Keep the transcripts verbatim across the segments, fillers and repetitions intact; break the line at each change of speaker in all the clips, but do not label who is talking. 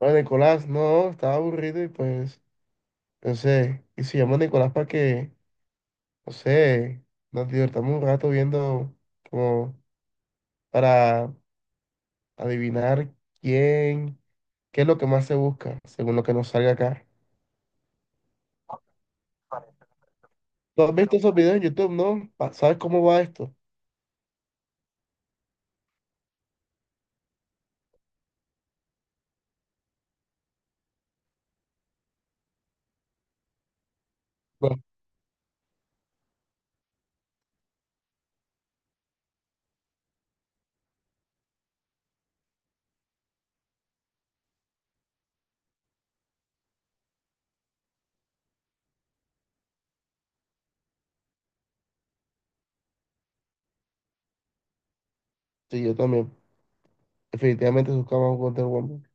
No, Nicolás, no, estaba aburrido y pues pensé, y si llamo a Nicolás para que, no sé, nos divertamos un rato viendo como para adivinar quién, qué es lo que más se busca, según lo que nos salga acá. ¿Tú has visto esos videos en YouTube, no? Pa- ¿Sabes cómo va esto? Bueno, sí, yo también. Definitivamente se busca más Wonder Woman.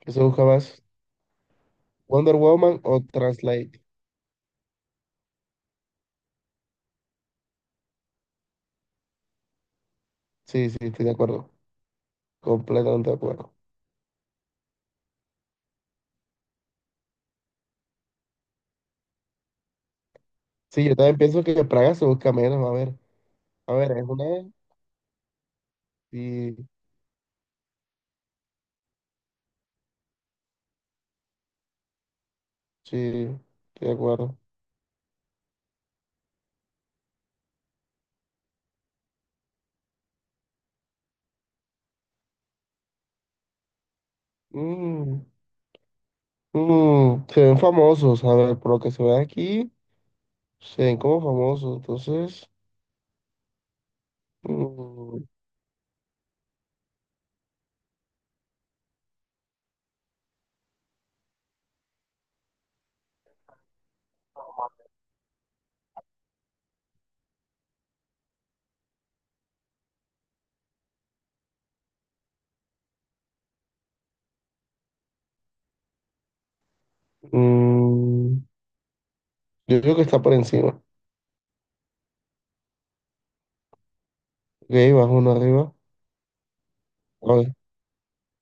¿Qué se busca más? ¿Wonder Woman o Translate? Sí, sí, estoy de acuerdo. Completamente de acuerdo. Sí, yo también pienso que Praga se busca menos, a ver. A ver, es una E. Sí, sí, estoy de acuerdo. Mm, mm, se ven famosos, a ver, por lo que se ve aquí, se ven como famosos, entonces, mm, mm, yo creo que está por encima. Ok, bajo uno arriba. A ver,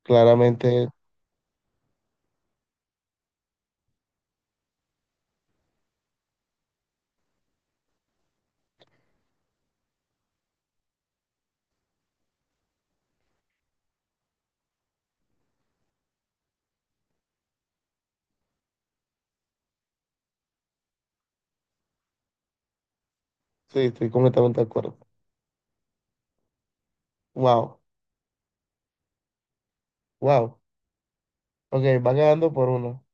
claramente, sí, estoy completamente de acuerdo. Wow, wow. Ok, va quedando por uno.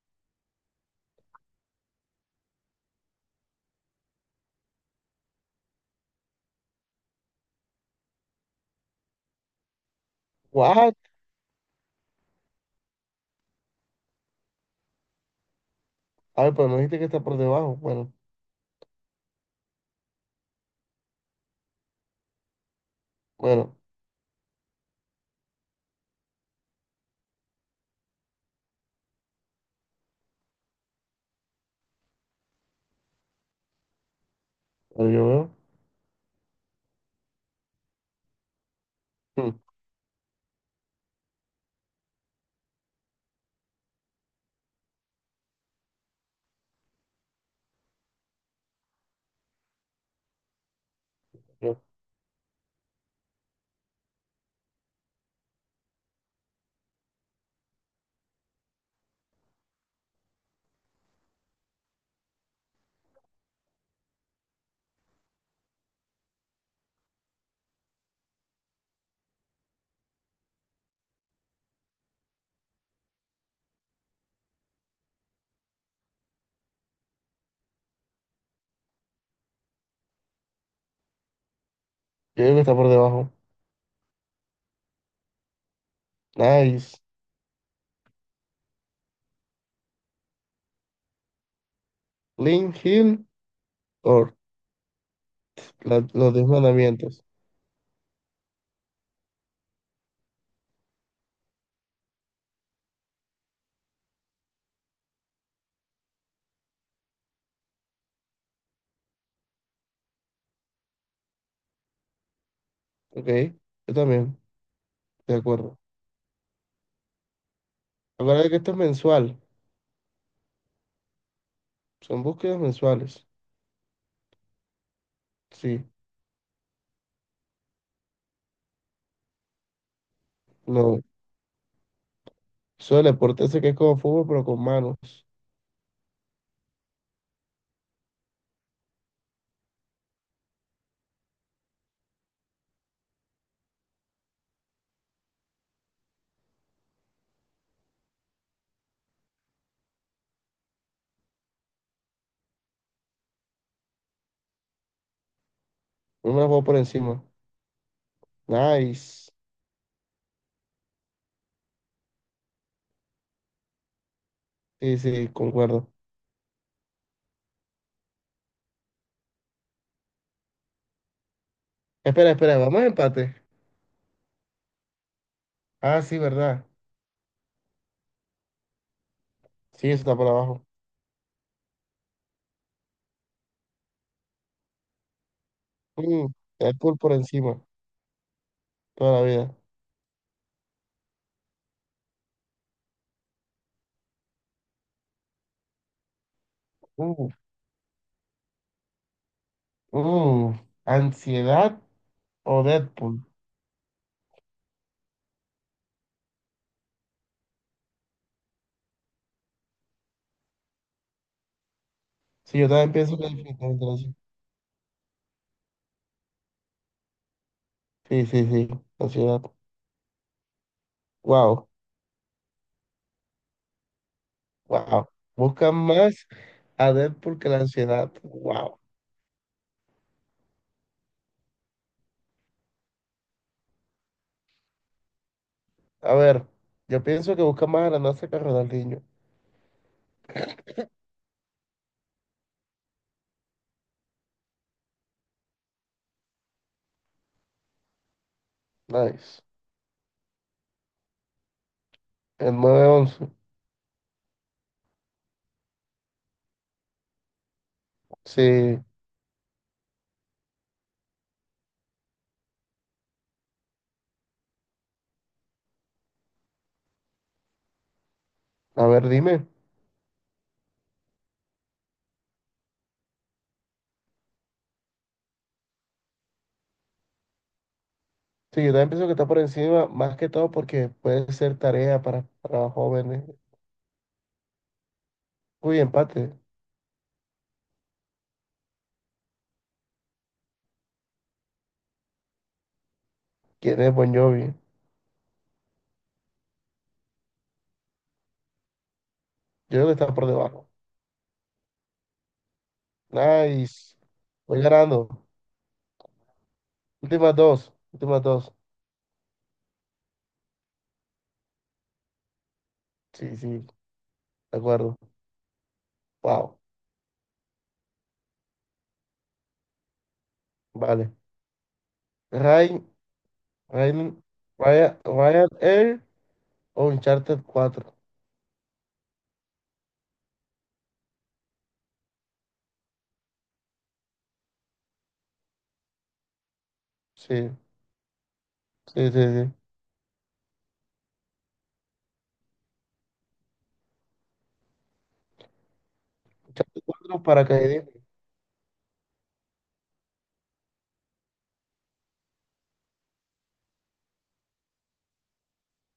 What? A ver, pero me dijiste que está por debajo. Bueno, bueno, a ver, yo veo. Mm, yo, yo creo que está por debajo. Nice. Link Hill. Or, la- los diez mandamientos. Ok, yo también, de acuerdo. Acuérdate que esto es mensual, son búsquedas mensuales. Sí, no. Eso del deporte ese que es como fútbol, pero con manos. Uno me la juego por encima. Nice. Sí, sí, concuerdo. Espera, espera, vamos a empate. Ah, sí, verdad. Sí, eso está por abajo. Mm, Deadpool por encima, toda la vida. Uh, uh, ¿ansiedad o Deadpool? Sí, yo también pienso que es definitivamente la ansiedad. Sí, sí, sí, ansiedad. Wow. Wow, buscan más a Deadpool que la ansiedad. Wow. A ver, yo pienso que buscan más a la NASA que a Ronaldinho. Nice. El nueve once. Sí. A ver, dime. Sí, yo también pienso que está por encima, más que todo porque puede ser tarea para, para, jóvenes. Uy, empate. ¿Quién es Bon Jovi? Yo creo que está por debajo. Nice. Voy ganando. Últimas dos. Últimas dos. Sí, sí, de acuerdo. Wow. Vale. Ryan, Ryan, Ryan, Ryan Air. Oh, Uncharted cuatro. Sí, sí, sí, sí. Uncharted cuatro paracaidismo.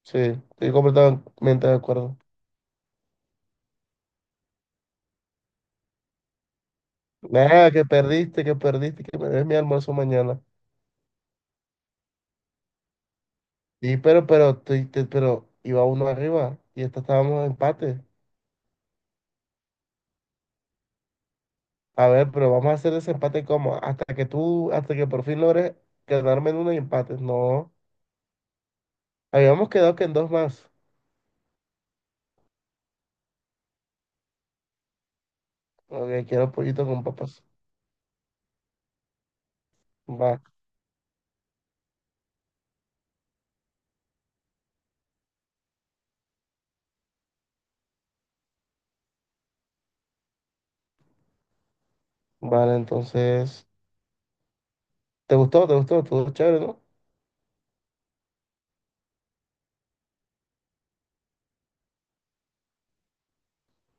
Sí, estoy completamente de acuerdo. Nada, que perdiste, que perdiste, que me des mi almuerzo mañana. Sí, pero, pero, estoy- te- pero iba uno arriba y esta estábamos en empate. A ver, pero vamos a hacer ese empate como hasta que tú, hasta que por fin logres quedarme en uno y empates. No, habíamos quedado que en dos más. Ok, quiero pollito con papas. Va, vale, entonces, ¿te gustó? ¿Te gustó? Estuvo chévere, ¿no?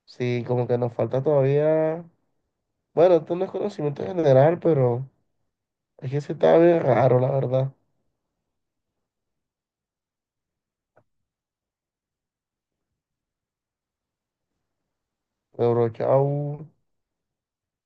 Sí, como que nos falta todavía. Bueno, esto no es conocimiento general, pero es que se está bien raro, la verdad. Pero chao.